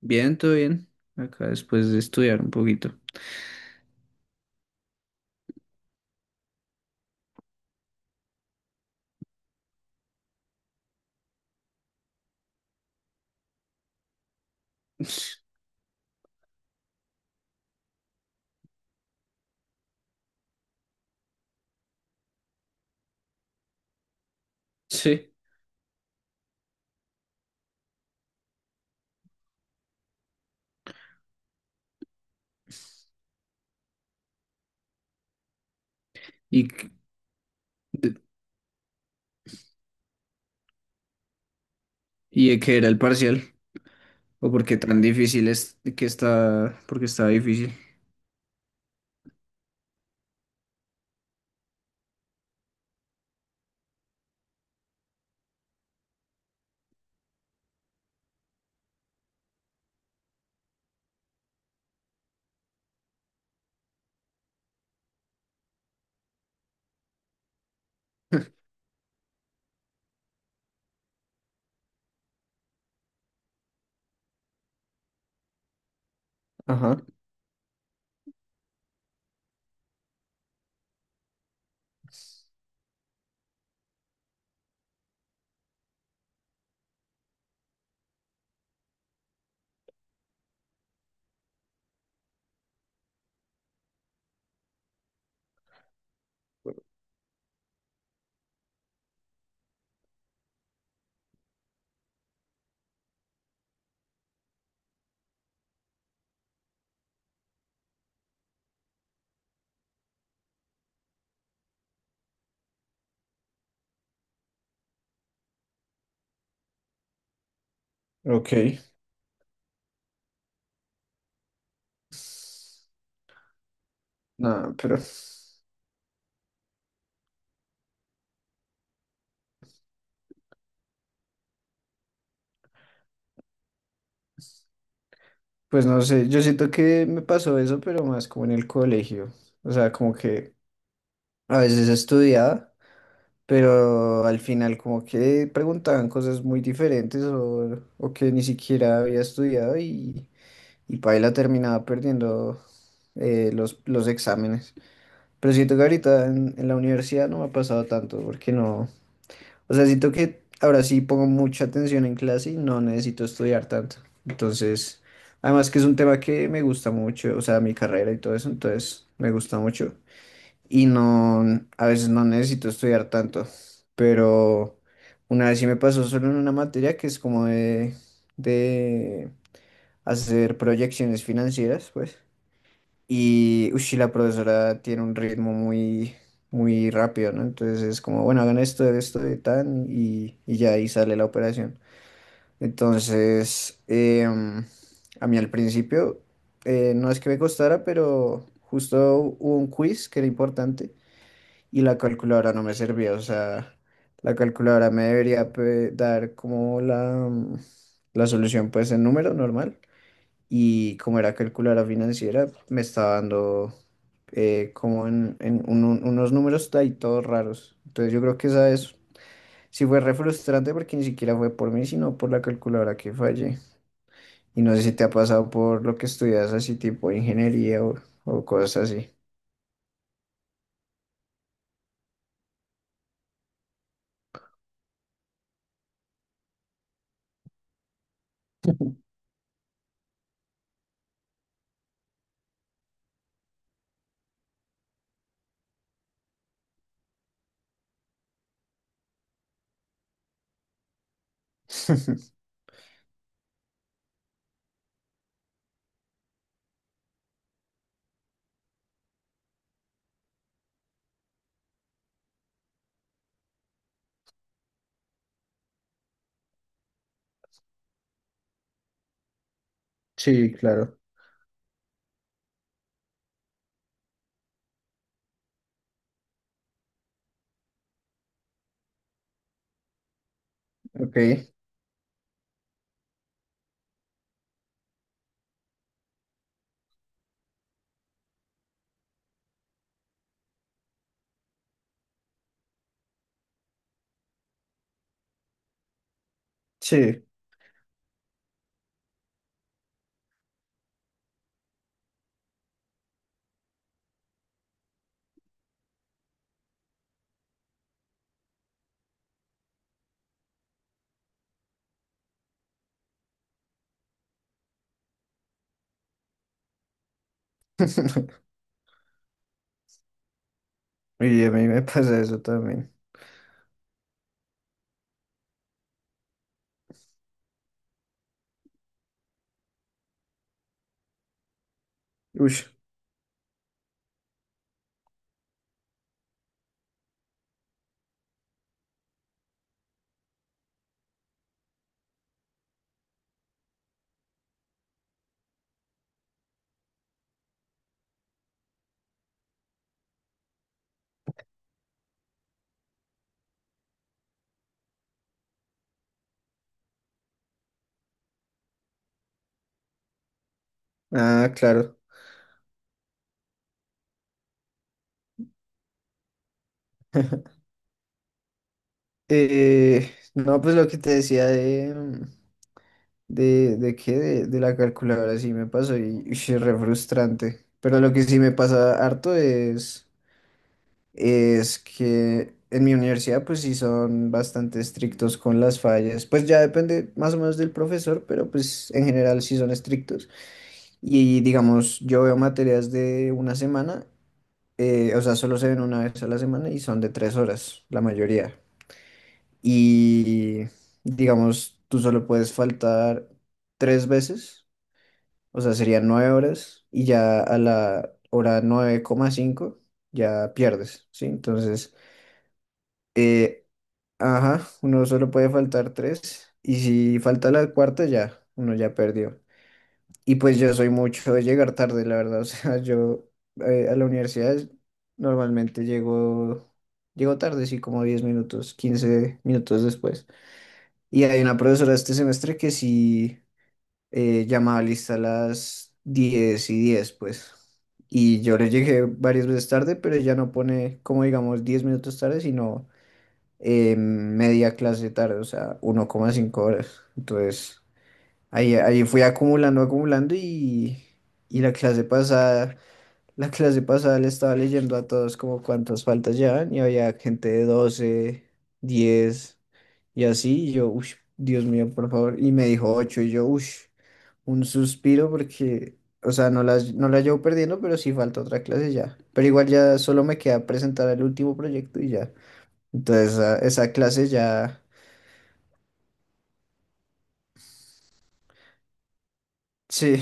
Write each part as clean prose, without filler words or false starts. Bien, todo bien. Acá después de estudiar un poquito. Sí. ¿Y, de- y de qué era el parcial? ¿O porque tan difícil es que está, porque está difícil? Ajá. Ok. No, pero pues no sé, yo siento que me pasó eso, pero más como en el colegio. O sea, como que a veces estudiaba, pero al final como que preguntaban cosas muy diferentes o que ni siquiera había estudiado, y paila terminaba perdiendo los exámenes. Pero siento que ahorita en la universidad no me ha pasado tanto porque no, o sea, siento que ahora sí pongo mucha atención en clase y no necesito estudiar tanto. Entonces, además que es un tema que me gusta mucho, o sea, mi carrera y todo eso, entonces me gusta mucho y no, a veces no necesito estudiar tanto, pero una vez sí me pasó solo en una materia que es como de hacer proyecciones financieras, pues, y ush, la profesora tiene un ritmo muy, muy rápido, ¿no? Entonces es como, bueno, hagan esto, esto y tan, y ya ahí sale la operación. Entonces, a mí al principio, no es que me costara, pero justo hubo un quiz que era importante y la calculadora no me servía, o sea, la calculadora me debería dar como la solución pues en número normal, y como era calculadora financiera me estaba dando como en, en unos números ahí todos raros. Entonces yo creo que sí fue re frustrante porque ni siquiera fue por mí, sino por la calculadora que fallé. Y no sé si te ha pasado por lo que estudias así tipo ingeniería o cosas así. Sí, claro. Ok. Sí. Y a mí me pasa eso también. Uy, ah, claro. Eh, no, pues lo que te decía de, mm, de qué, de la calculadora sí me pasó, y es re frustrante. Pero lo que sí me pasa harto es que en mi universidad pues sí son bastante estrictos con las fallas. Pues ya depende más o menos del profesor, pero pues en general sí son estrictos. Y digamos, yo veo materias de una semana. O sea, solo se ven una vez a la semana y son de 3 horas, la mayoría. Y digamos, tú solo puedes faltar tres veces, o sea, serían 9 horas, y ya a la hora 9,5 ya pierdes, ¿sí? Entonces, eh, ajá, uno solo puede faltar tres, y si falta la cuarta ya, uno ya perdió. Y pues yo soy mucho de llegar tarde, la verdad. O sea, yo a la universidad normalmente llego tarde, sí, como 10 minutos, 15 minutos después. Y hay una profesora este semestre que sí llama lista a las 10:10, pues. Y yo le llegué varias veces tarde, pero ella no pone, como digamos, 10 minutos tarde, sino media clase tarde, o sea, 1,5 horas. Entonces... Ahí fui acumulando, acumulando, y la clase pasada le estaba leyendo a todos como cuántas faltas llevan, y había gente de 12, 10, y así. Y yo, uff, Dios mío, por favor. Y me dijo 8 y yo, uff, un suspiro porque, o sea, no las llevo perdiendo, pero sí falta otra clase ya. Pero igual ya solo me queda presentar el último proyecto y ya. Entonces, esa clase ya, sí,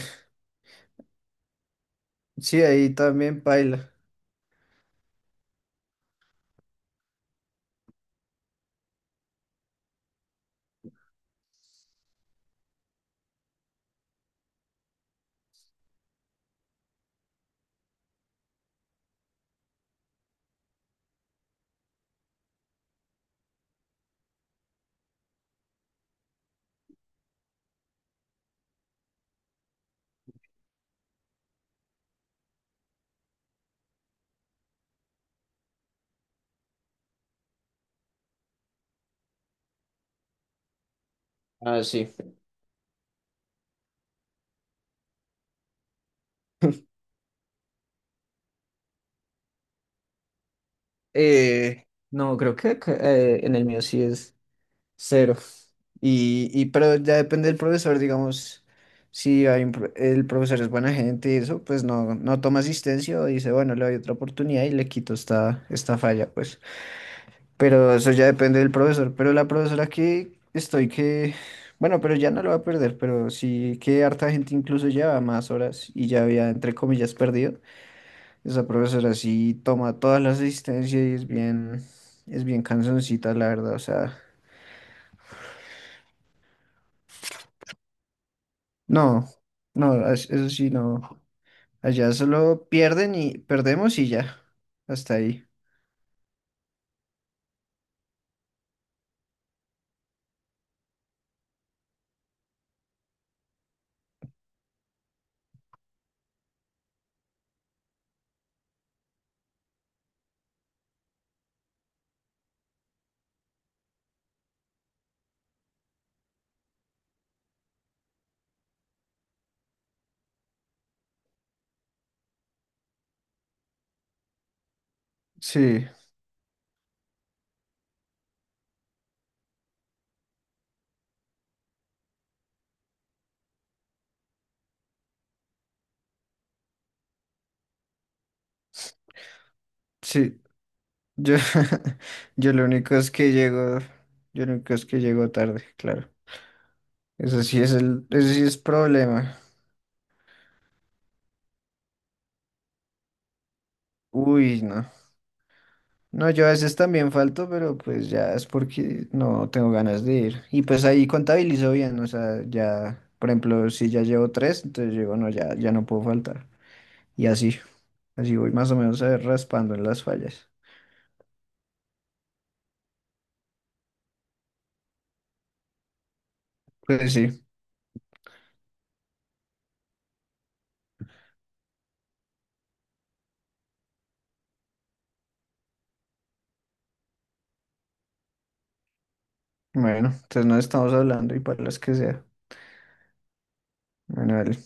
sí, ahí también paila. Ah, sí. Eh, no, creo que acá, en el mío sí es cero. Y pero ya depende del profesor, digamos, si hay el profesor es buena gente y eso, pues no toma asistencia o dice, bueno, le doy otra oportunidad y le quito esta falla, pues. Pero eso ya depende del profesor. Pero la profesora que estoy que, bueno, pero ya no lo va a perder, pero sí que harta gente incluso lleva más horas y ya había, entre comillas, perdido. Esa profesora sí toma toda la asistencia y es bien cansoncita, la verdad. O sea, no, no, eso sí, no. Allá solo pierden y perdemos y ya. Hasta ahí. Sí, sí. Yo, yo lo único es que llego, yo lo único es que llego tarde, claro. Eso sí es problema. Uy, no. No, yo a veces también falto, pero pues ya es porque no tengo ganas de ir. Y pues ahí contabilizo bien, o sea, ya, por ejemplo, si ya llevo tres, entonces digo, no, ya no puedo faltar. Y así, así voy más o menos raspando en las fallas. Pues sí, bueno, entonces nos estamos hablando y para las que sea. Bueno, dale.